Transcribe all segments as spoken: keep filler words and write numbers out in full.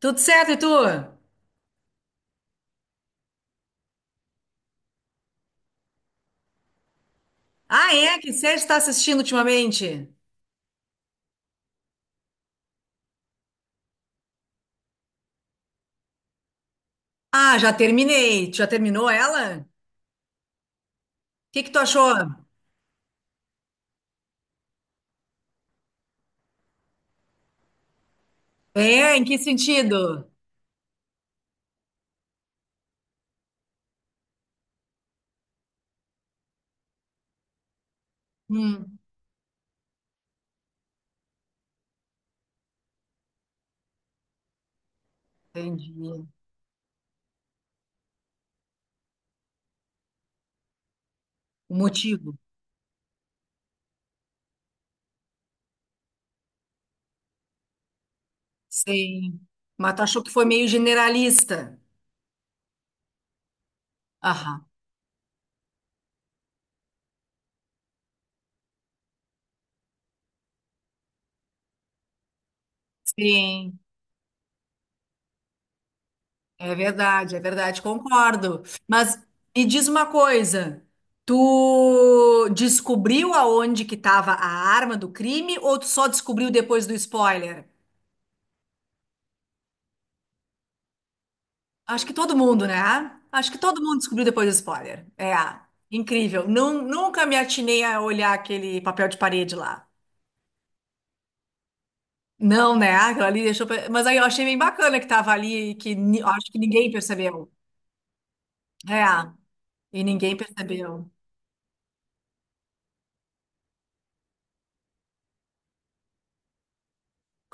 Tudo certo, e tu? Ah, é? Que série tu tá assistindo ultimamente? Ah, já terminei. Tu já terminou ela? O que que tu achou? É, em que sentido? Hum, entendi. O motivo. Sim. Mas tu achou que foi meio generalista? Aham. Sim, é verdade, é verdade, concordo. Mas me diz uma coisa, tu descobriu aonde que estava a arma do crime ou tu só descobriu depois do spoiler? Acho que todo mundo, né? Acho que todo mundo descobriu depois do spoiler. É, incrível. Não, nunca me atinei a olhar aquele papel de parede lá. Não, né? Aquilo ali deixou. pra- Mas aí eu achei bem bacana que tava ali, e que ni- acho que ninguém percebeu. É, e ninguém percebeu.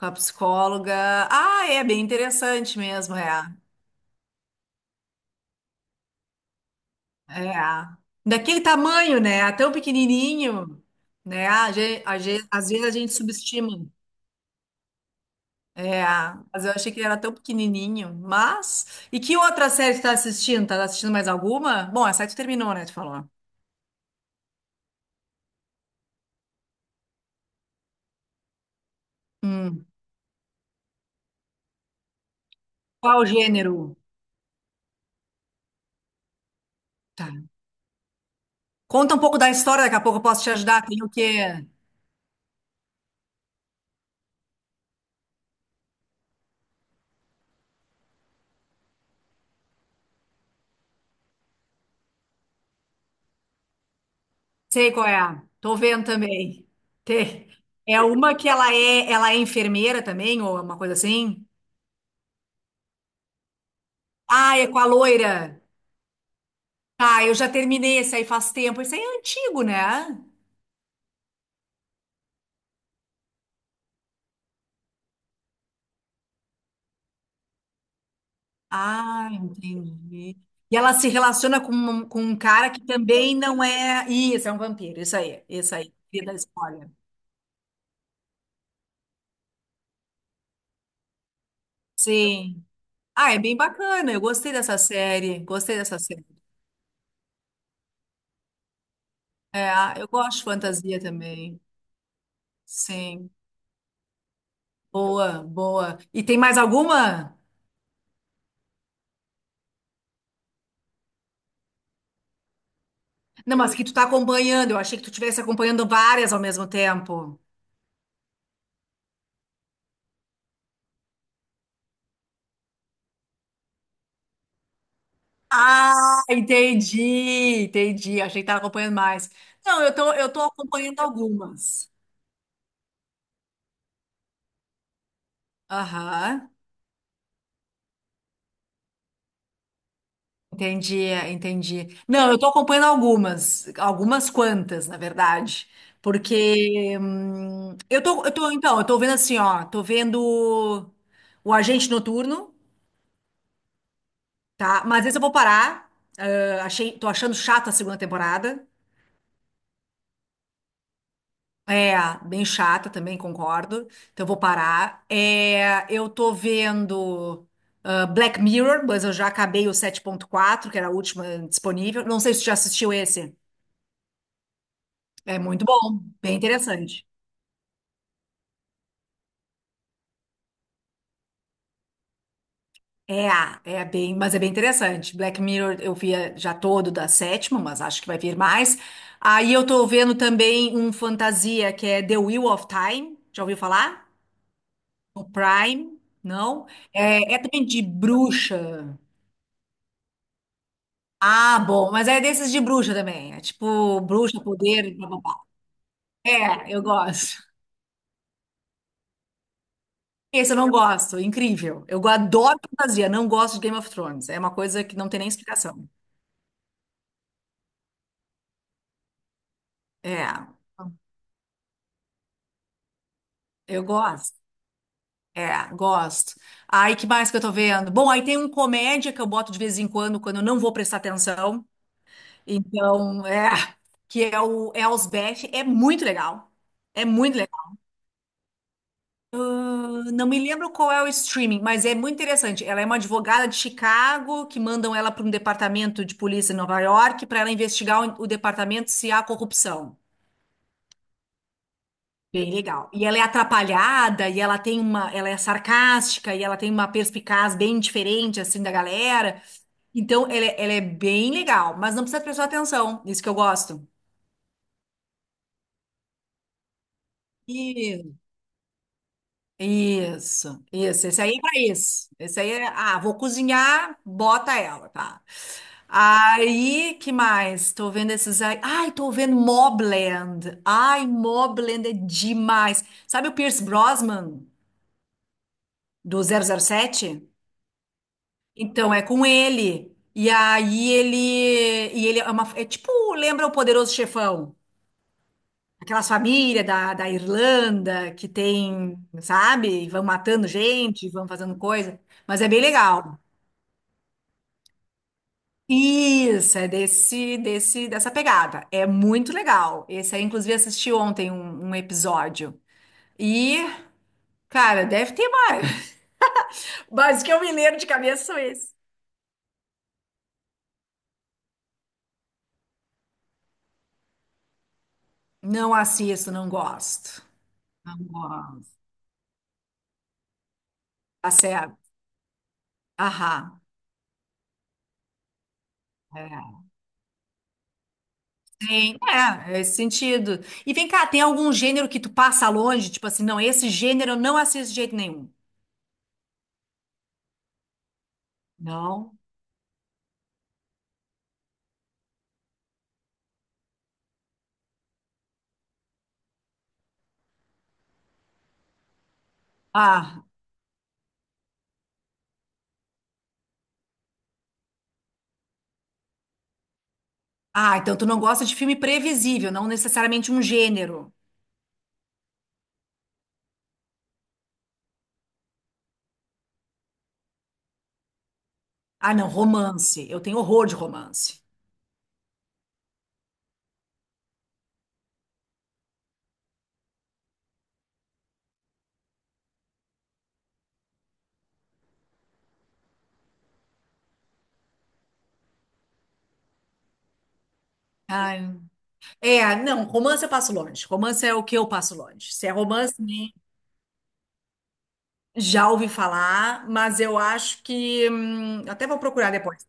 Com a psicóloga. Ah, é bem interessante mesmo, é. É. Daquele tamanho, né? Tão pequenininho, né? A gente, às vezes a gente subestima. É, mas eu achei que ele era tão pequenininho, mas... E que outra série tu tá assistindo? Tá assistindo mais alguma? Bom, essa aí tu terminou, né, tu falou. Hum. Qual gênero? Tá. Conta um pouco da história, daqui a pouco eu posso te ajudar. Tem o quê? Sei qual é. Tô vendo também. Tem. É uma que ela é, ela é enfermeira também, ou uma coisa assim? Ah, é com a loira. Tá, eu já terminei esse aí faz tempo. Esse aí é antigo, né? Ah, entendi. E ela se relaciona com, um- com um cara que também não é. Isso, é um vampiro. Isso aí, isso aí. Queria dar spoiler. Sim. Ah, é bem bacana. Eu gostei dessa série. Gostei dessa série. É, eu gosto de fantasia também. Sim. Boa, boa. E tem mais alguma? Não, mas que tu tá acompanhando. Eu achei que tu estivesse acompanhando várias ao mesmo tempo. Ah, entendi, entendi. Achei que tava acompanhando mais. Não, eu tô, eu tô acompanhando algumas. Aham, entendi, entendi. Não, eu tô acompanhando algumas, algumas quantas, na verdade, porque hum, eu tô, eu tô, então, eu tô vendo assim, ó, tô vendo o Agente Noturno, tá? Mas esse eu vou parar, ah, achei, tô achando chata a segunda temporada, é, bem chata também, concordo, então eu vou parar. É, eu tô vendo ah, Black Mirror, mas eu já acabei o sete ponto quatro, que era a última disponível, não sei se tu já assistiu esse. É muito bom, bem interessante. É, ah, é bem, mas é bem interessante. Black Mirror eu via já todo da sétima, mas acho que vai vir mais. Aí eu tô vendo também um fantasia que é The Wheel of Time. Já ouviu falar? O Prime? Não? É, é também de bruxa. Ah, bom, mas é desses de bruxa também. É tipo bruxa, poder, blá blá blá. É, eu gosto. Esse eu não gosto, incrível. Eu adoro fantasia, não gosto de Game of Thrones. É uma coisa que não tem nem explicação. É. Eu gosto. É, gosto. Aí, que mais que eu tô vendo? Bom, aí tem um comédia que eu boto de vez em quando, quando eu não vou prestar atenção. Então, é, que é o Elsbeth. É muito legal. É muito legal. Eu não me lembro qual é o streaming, mas é muito interessante. Ela é uma advogada de Chicago que mandam ela para um departamento de polícia em Nova York para ela investigar o, o departamento se há corrupção. Bem legal. E ela é atrapalhada, e ela tem uma, ela é sarcástica, e ela tem uma perspicaz bem diferente assim da galera. Então, ela, é- ela é bem legal, mas não precisa prestar atenção. Isso que eu gosto. Isso, isso, isso. Esse aí é pra isso. Esse aí é, ah, vou cozinhar, bota ela, tá? Aí, que mais? Tô vendo esses aí. Ai, tô vendo Mobland. Ai, Mobland é demais. Sabe o Pierce Brosnan do zero zero sete? Então, é com ele. E aí ele. E ele é uma. É tipo, lembra o Poderoso Chefão? Aquelas famílias da, da Irlanda que tem, sabe? E vão matando gente, vão fazendo coisa. Mas é bem legal. Isso, é desse, desse, dessa pegada. É muito legal. Esse aí, inclusive, assisti ontem um, um episódio. E, cara, deve ter mais. Mas o que eu me lembro de cabeça são esses. Não assisto, não gosto. Não gosto. Tá certo. Aham. É, tem, é, é esse sentido. E vem cá, tem algum gênero que tu passa longe? Tipo assim, não, esse gênero eu não assisto de jeito nenhum. Não? Ah, ah, então tu não gosta de filme previsível, não necessariamente um gênero. Ah, não, romance. Eu tenho horror de romance. Ai, é, não, romance eu passo longe. Romance é o que eu passo longe. Se é romance, né, já ouvi falar, mas eu acho que, hum, até vou procurar depois.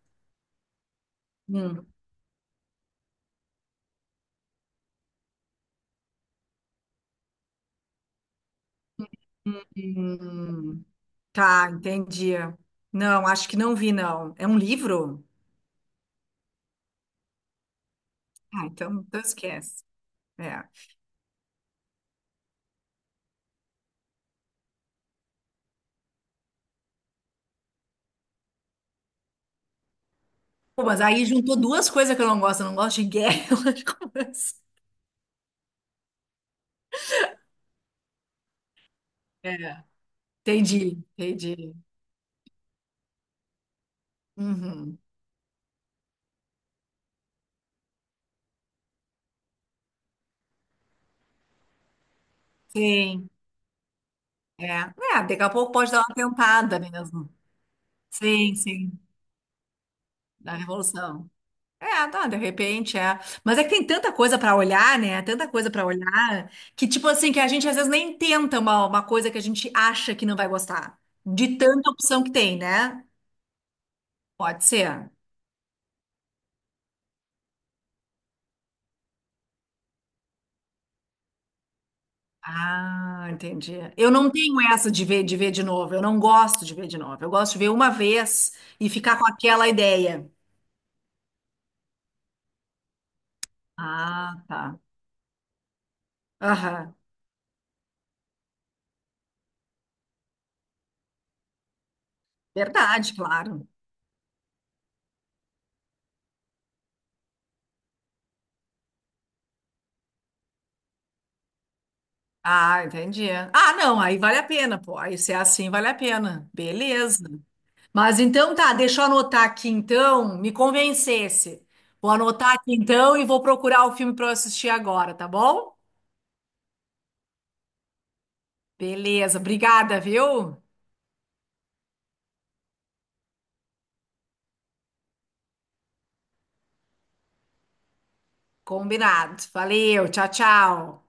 Hum, hum. Tá, entendi. Não, acho que não vi, não. É um livro? Ah, então, então esquece. É. Pô, mas aí juntou duas coisas que eu não gosto. Eu não gosto de guerra, eu gosto de conversa. É, entendi, entendi. Uhum. Sim, é. É, daqui a pouco pode dar uma tentada mesmo. Sim, sim, da revolução. É, não, de repente é. Mas é que tem tanta coisa pra olhar, né? Tanta coisa pra olhar que, tipo assim, que a gente às vezes nem tenta uma, uma coisa que a gente acha que não vai gostar. De tanta opção que tem, né? Pode ser. Ah, entendi. Eu não tenho essa de ver, de ver, de novo. Eu não gosto de ver de novo. Eu gosto de ver uma vez e ficar com aquela ideia. Ah, tá. Aham. Verdade, claro. Ah, entendi. Ah, não, aí vale a pena, pô. Aí se é assim, vale a pena. Beleza. Mas então tá, deixa eu anotar aqui então, me convencesse. Vou anotar aqui então e vou procurar o filme para eu assistir agora, tá bom? Beleza, obrigada, viu? Combinado. Valeu, tchau, tchau.